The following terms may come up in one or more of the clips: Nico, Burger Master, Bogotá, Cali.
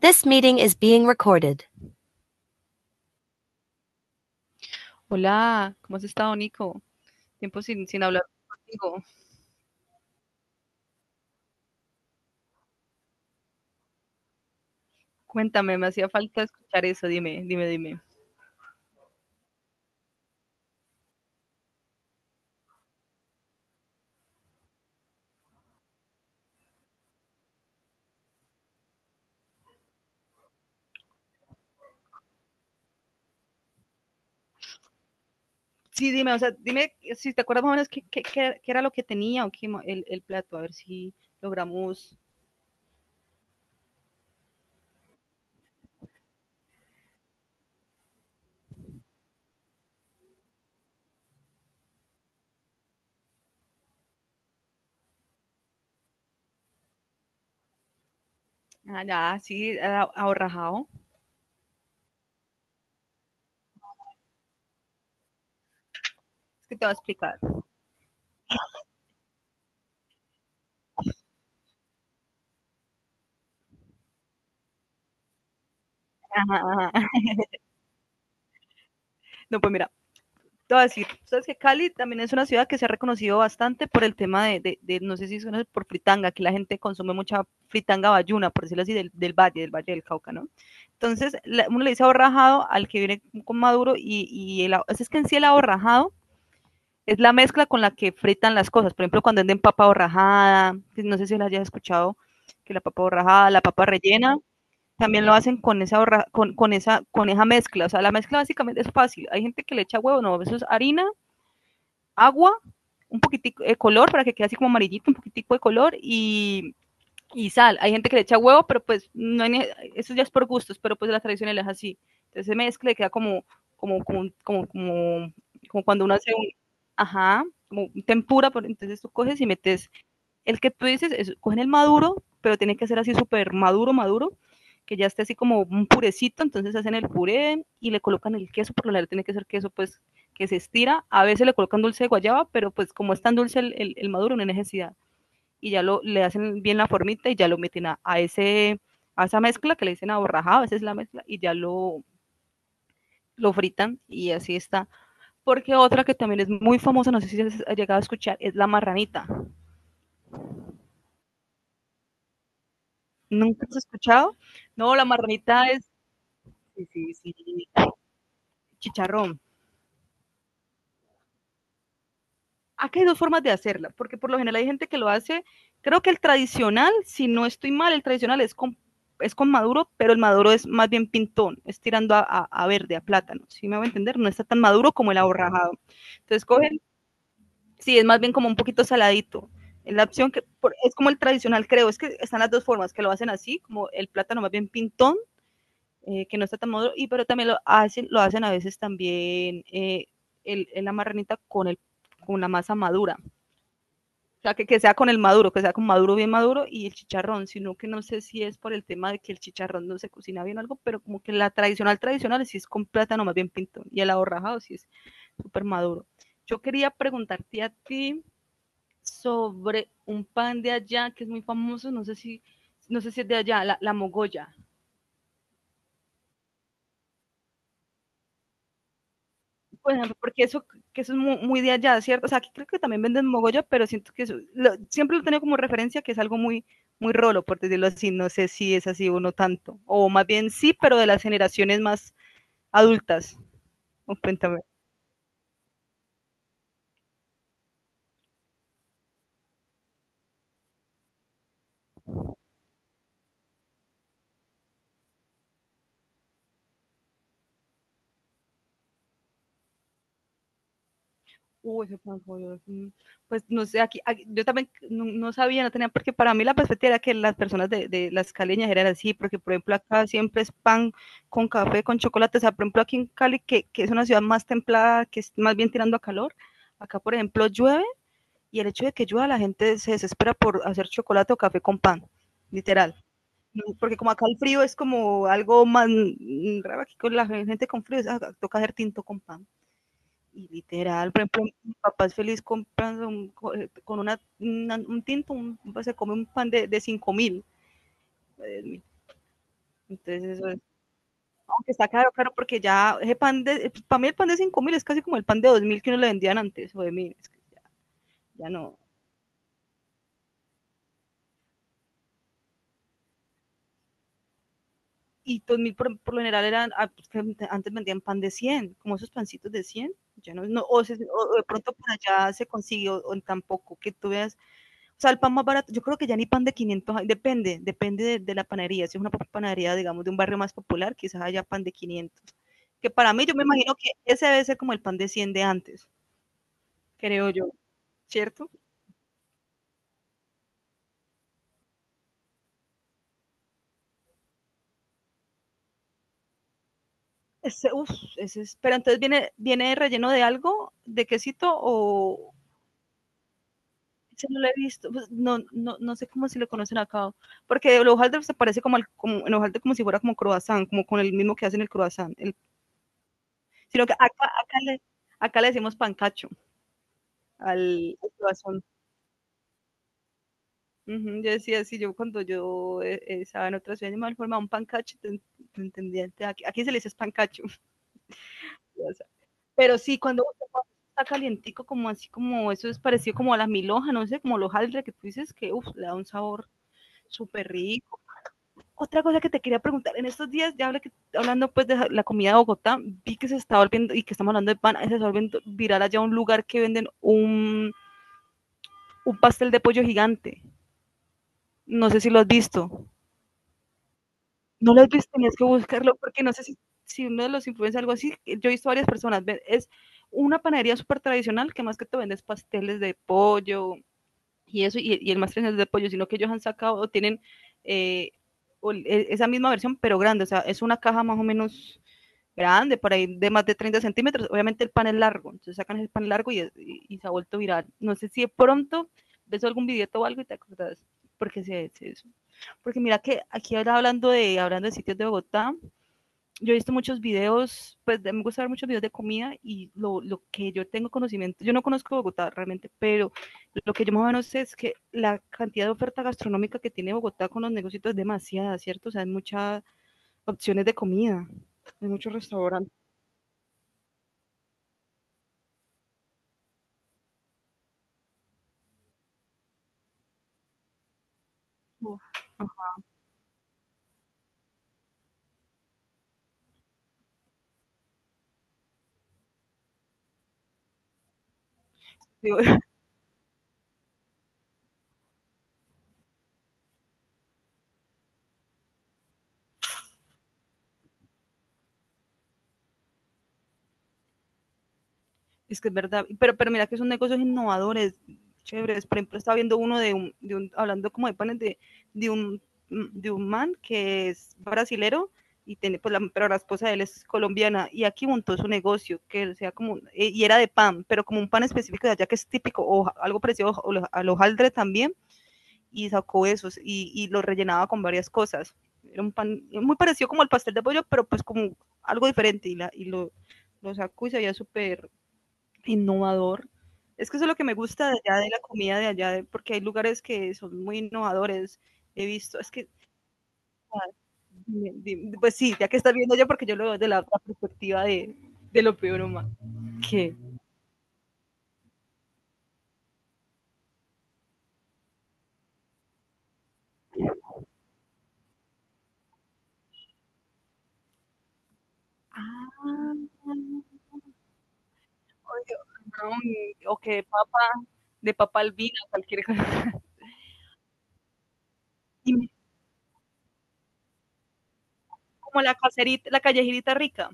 This meeting is being recorded. Hola, ¿cómo has estado, Nico? Tiempo sin hablar contigo. Cuéntame, me hacía falta escuchar eso. Dime, dime, dime. Sí, dime, o sea, dime si te acuerdas más o menos qué era lo que tenía o qué el plato, a ver si logramos. Ah, ya, sí, ahorrajado. Es que te voy a explicar. Ajá, ajá. No, pues mira, te voy a decir, sabes que Cali también es una ciudad que se ha reconocido bastante por el tema de no sé si suena por fritanga, que la gente consume mucha fritanga bayuna, por decirlo así, del valle del Cauca, ¿no? Entonces, uno le dice ahorrajado al que viene con maduro y pues es que en sí el ahorrajado es la mezcla con la que fritan las cosas. Por ejemplo, cuando venden papa borrajada, no sé si la hayas escuchado, que la papa borrajada, la papa rellena, también lo hacen con esa, con esa mezcla. O sea, la mezcla básicamente es fácil. Hay gente que le echa huevo, no, eso es harina, agua, un poquitico de color para que quede así como amarillito, un poquitico de color y sal. Hay gente que le echa huevo, pero pues no hay eso ya es por gustos, pero pues la tradicional es así. Entonces se mezcla y queda como, como, como, como, como, como cuando uno hace un, ajá, como tempura, entonces tú coges y metes el que tú dices, cogen el maduro, pero tiene que ser así súper maduro, maduro, que ya esté así como un purecito, entonces hacen el puré y le colocan el queso, por lo general tiene que ser queso pues que se estira, a veces le colocan dulce de guayaba, pero pues como es tan dulce el maduro no hay necesidad, y ya le hacen bien la formita y ya lo meten a esa mezcla que le dicen aborrajado, a veces la mezcla, y ya lo fritan y así está. Porque otra que también es muy famosa, no sé si has llegado a escuchar, es la marranita. ¿Nunca has escuchado? No, la marranita es sí, sí, sí, chicharrón. Acá hay dos formas de hacerla, porque por lo general hay gente que lo hace, creo que el tradicional, si no estoy mal, el tradicional es con, maduro, pero el maduro es más bien pintón, es tirando a verde, a plátano, si ¿sí me voy a entender? No está tan maduro como el aborrajado. Entonces cogen, sí, es más bien como un poquito saladito. La opción es como el tradicional, creo, es que están las dos formas, que lo hacen así, como el plátano más bien pintón, que no está tan maduro, pero también lo hacen a veces también, el la marranita con la masa madura. O sea, que sea con el maduro, que sea con maduro bien maduro y el chicharrón, sino que no sé si es por el tema de que el chicharrón no se cocina bien o algo, pero como que la tradicional tradicional sí es con plátano más bien pintón y el ahorrajado sí es súper maduro. Yo quería preguntarte a ti sobre un pan de allá que es muy famoso, no sé si es de allá, la mogolla. Bueno, porque eso es muy, muy, de allá, ¿cierto? O sea, aquí creo que también venden Mogollón, pero siento que siempre lo tengo como referencia que es algo muy, muy rolo, por decirlo así. No sé si es así o no tanto. O más bien sí, pero de las generaciones más adultas. Oh, cuéntame. Uy, ese pan pollo. Pues no sé, yo también no sabía, no tenía, porque para mí la perspectiva era que las personas de las caleñas eran así, porque por ejemplo acá siempre es pan con café, con chocolate, o sea, por ejemplo aquí en Cali, que es una ciudad más templada, que es más bien tirando a calor, acá por ejemplo llueve y el hecho de que llueva la gente se desespera por hacer chocolate o café con pan, literal. No, porque como acá el frío es como algo más, raro aquí con la gente con frío, es, "Ah, toca hacer tinto con pan". Y literal, por ejemplo, mi papá es feliz comprando un tinto, pues, se come un pan de 5.000. Entonces, eso es, aunque está caro, claro, porque ya ese pan de, para mí el pan de 5.000 es casi como el pan de 2.000 que uno le vendían antes, o de 1.000, es que ya, no. Y 2.000 por lo general eran, ah, pues, que antes vendían pan de 100, como esos pancitos de 100 ya no. O de pronto por allá se consiguió, o tampoco, que tú veas. O sea, el pan más barato, yo creo que ya ni pan de 500, depende la panadería. Si es una panadería, digamos, de un barrio más popular, quizás haya pan de 500. Que para mí, yo me imagino que ese debe ser como el pan de 100 de antes, creo yo, ¿cierto? Ese, uf, ese es, pero entonces viene relleno de algo, de quesito o, ese no lo he visto, pues no sé cómo se le conocen acá, porque el hojaldre se parece como el hojaldre, como si fuera como croissant, como con el mismo que hacen el croissant, sino que acá le decimos pancacho, al cloazón. Ujú, yo decía, sí, yo cuando yo, estaba en otra ciudad, yo me formaba un pancacho, te entendía, te aquí aquí se le dice es pancacho, o sea, pero sí, cuando está calientico, como así como eso es parecido como a la milhoja, no sé, como los hojaldre que tú dices que, uf, le da un sabor súper rico. Otra cosa que te quería preguntar, en estos días, ya hablando, pues, de ja la comida de Bogotá, vi que se está volviendo, y que estamos hablando de pan, se está volviendo viral allá un lugar que venden un pastel de pollo gigante. No sé si lo has visto. No lo has visto, tenías que buscarlo, porque no sé si uno de los influencers, algo así, yo he visto varias personas, es una panadería súper tradicional que más que te vendes pasteles de pollo, y eso, y el más tres es de pollo, sino que ellos han sacado, tienen, eh, esa misma versión, pero grande, o sea, es una caja más o menos grande, por ahí de más de 30 centímetros. Obviamente el pan es largo, entonces sacan el pan largo y se ha vuelto viral. No sé si de pronto ves algún video o algo y te acordás, porque se eso. Porque mira que aquí ahora hablando de, sitios de Bogotá, yo he visto muchos videos, pues me gusta ver muchos videos de comida y lo que yo tengo conocimiento, yo no conozco Bogotá realmente, pero lo que yo más o menos sé es que la cantidad de oferta gastronómica que tiene Bogotá con los negocios es demasiada, ¿cierto? O sea, hay muchas opciones de comida, hay muchos restaurantes. Digo, es que es verdad, pero mira que son negocios innovadores, chéveres. Por ejemplo, estaba viendo uno de un, hablando como de panes de, un, de un man que es brasilero y tiene, pues, pero la esposa de él es colombiana y aquí montó su negocio, que sea como, y era de pan, pero como un pan específico de allá que es típico o ja, algo parecido al hojaldre también y sacó esos y lo rellenaba con varias cosas. Era un pan muy parecido como al pastel de pollo, pero pues como algo diferente y lo sacó y se veía súper innovador. Es que eso es lo que me gusta de allá, de la comida de allá, porque hay lugares que son muy innovadores. He visto, es que, ah, dime, pues sí, ya que estás viendo yo, porque yo lo veo de la otra perspectiva de lo peor humano. ¿Qué? Ah, oye, camarón, o que de papa, albina, cualquier cosa. Y como la caserita, la callejerita rica.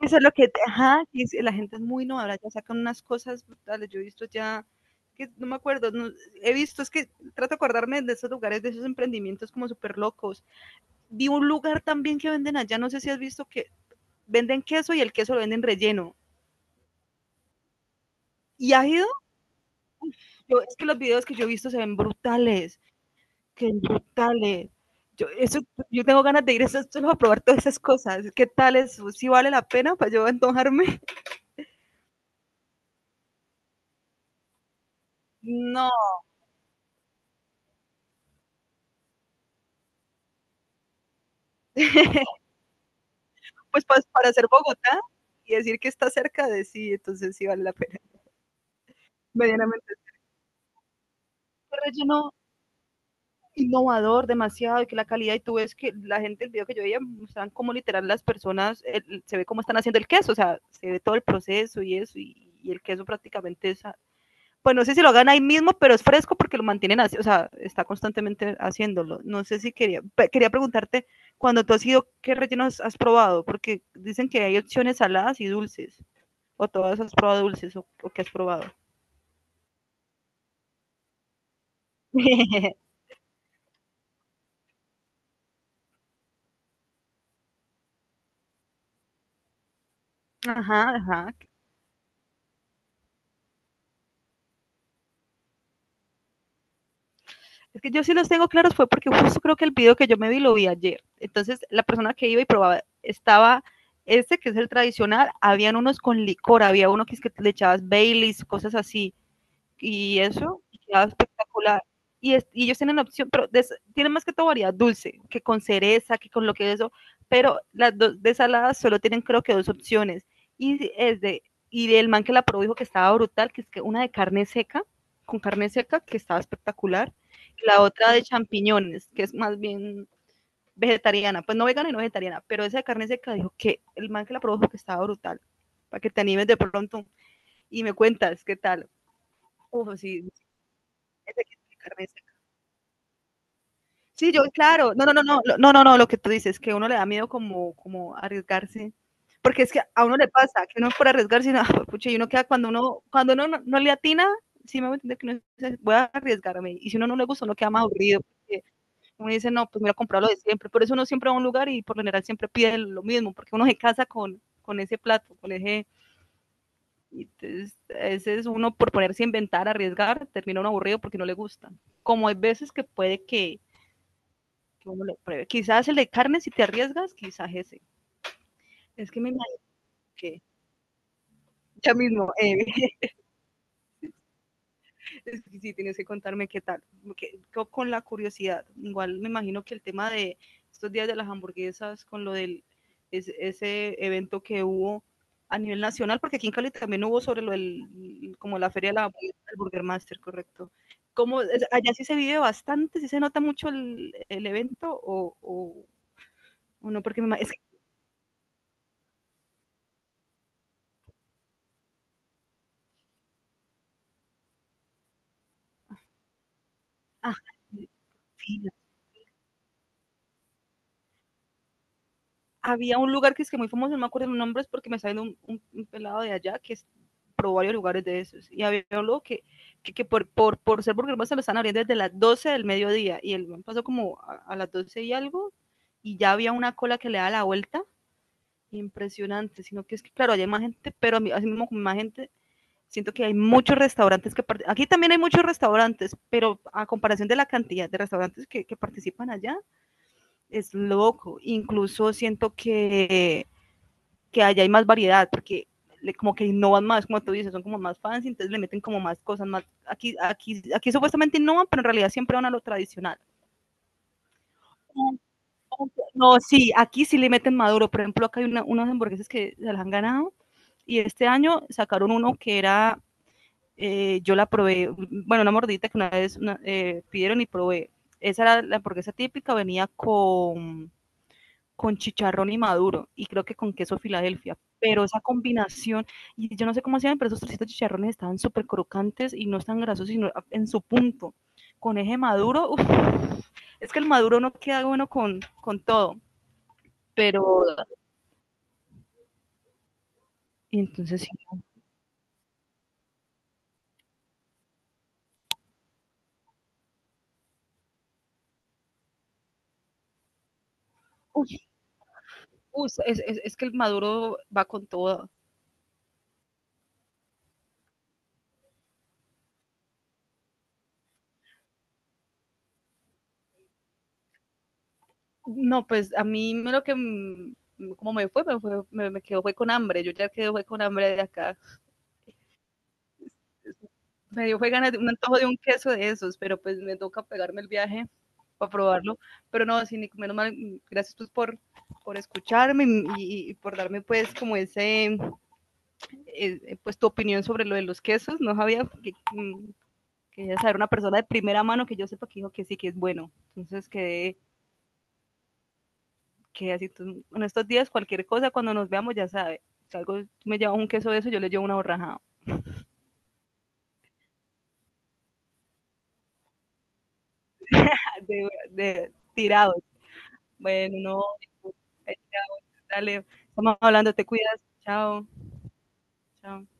Eso es lo que, ajá, la gente es muy innovadora, ya sacan unas cosas brutales. Yo he visto ya, que no me acuerdo, he visto, es que trato de acordarme de esos lugares, de esos emprendimientos como súper locos. Vi un lugar también que venden allá, no sé si has visto que venden queso y el queso lo venden relleno. ¿Y has ido? Yo, es que los videos que yo he visto se ven brutales, que ven brutales. Yo, eso, yo tengo ganas de ir eso, solo a probar todas esas cosas. ¿Qué tal eso? ¿Si vale la pena para yo antojarme? No. Pues para ser Bogotá y decir que está cerca de sí, entonces sí vale la pena. Medianamente. Este relleno innovador demasiado, y que la calidad, y tú ves que la gente, el video que yo veía mostraban como literal las personas, el, se ve cómo están haciendo el queso, o sea se ve todo el proceso. Y eso, y el queso prácticamente es, pues no sé si lo hagan ahí mismo, pero es fresco porque lo mantienen así, o sea está constantemente haciéndolo. No sé si quería, preguntarte cuando tú has ido, qué rellenos has probado, porque dicen que hay opciones saladas y dulces, o todas has probado dulces, o que has probado. Ajá, ajá. Es que yo sí los tengo claros, fue porque justo creo que el video que yo me vi lo vi ayer. Entonces la persona que iba y probaba estaba, este, que es el tradicional, habían unos con licor, había uno que es que le echabas Baileys, cosas así. Y eso, y quedaba espectacular. Y, es, y ellos tienen opción, pero de, tienen más que todo variedad dulce, que con cereza, que con lo que es eso, pero las dos de saladas solo tienen creo que dos opciones. Y si es de, y el man que la probó dijo que estaba brutal, que es que una de carne seca, con carne seca, que estaba espectacular, y la otra de champiñones, que es más bien vegetariana, pues no vegana y no vegetariana, pero esa de carne seca dijo, que el man que la probó dijo que estaba brutal, para que te animes de pronto y me cuentas qué tal. Uf, sí, hay que explicarme eso. Sí, yo, claro, no, no, no, no, no, no, no, lo que tú dices, que uno le da miedo como, como arriesgarse, porque es que a uno le pasa, que uno por arriesgarse, no, pucha, y uno queda cuando uno no, no le atina, sí me voy a entender que uno dice, voy a arriesgarme, y si uno no le gusta, uno queda más aburrido, porque uno dice, no, pues mira, comprar lo de siempre, por eso uno siempre va a un lugar y por lo general siempre pide lo mismo, porque uno se casa con ese plato, con ese, y entonces, ese es uno, por ponerse a inventar, arriesgar, termina uno aburrido porque no le gusta, como hay veces que puede que uno lo pruebe. Quizás el de carne, si te arriesgas, quizás ese. Es que me imagino que ya mismo, sí, tienes que contarme qué tal. Que, con la curiosidad, igual me imagino que el tema de estos días de las hamburguesas, con lo del, es, ese evento que hubo a nivel nacional, porque aquí en Cali también hubo sobre lo del, como la feria de la del Burger Master, correcto. ¿Cómo, allá sí se vive bastante, sí se nota mucho el evento o, no, porque me, es, que, ah, sí, había un lugar que es que muy famoso, no me acuerdo los nombres porque me salió un, pelado de allá que es, probó varios lugares de esos. Y había un lugar que, por ser burger se lo están abriendo desde las doce del mediodía. Y él pasó como a, las 12 y algo y ya había una cola que le da la vuelta. Impresionante, sino que es que, claro, hay más gente, pero así mismo con más gente, siento que hay muchos restaurantes que participan, aquí también hay muchos restaurantes, pero a comparación de la cantidad de restaurantes que participan allá, es loco. Incluso siento que allá hay más variedad, porque le- como que innovan más, como tú dices, son como más fans, entonces le meten como más cosas, más, aquí, aquí supuestamente innovan, pero en realidad siempre van a lo tradicional. No, sí, aquí sí le meten maduro, por ejemplo, acá hay una- unas hamburguesas que se las han ganado, y este año sacaron uno que era, yo la probé, bueno, una mordita que una vez una- pidieron y probé, esa era la hamburguesa típica, venía con chicharrón y maduro y creo que con queso Filadelfia, pero esa combinación, y yo no sé cómo hacían, pero esos trocitos de chicharrones estaban súper crocantes y no están grasos, sino en su punto. Con eje maduro, uf, es que el maduro no queda bueno con todo, pero y entonces sí, uy, uy, es, es que el maduro va con todo. No, pues a mí me lo que como me fue, me, fue, me quedó fue con hambre. Yo ya quedé fue con hambre de acá. Me dio fue ganas de un antojo de un queso de esos, pero pues me toca pegarme el viaje para probarlo. Pero no, sí, Nico, menos mal, gracias pues por escucharme y por darme pues como ese, pues tu opinión sobre lo de los quesos. No sabía que quería saber una persona de primera mano que yo sepa que dijo que sí, que es bueno. Entonces quedé, que así, tú, en estos días cualquier cosa, cuando nos veamos ya sabe. Si algo me lleva un queso de eso, yo le llevo una borraja. De tirado, bueno, no, dale, estamos hablando, te cuidas, chao, chao.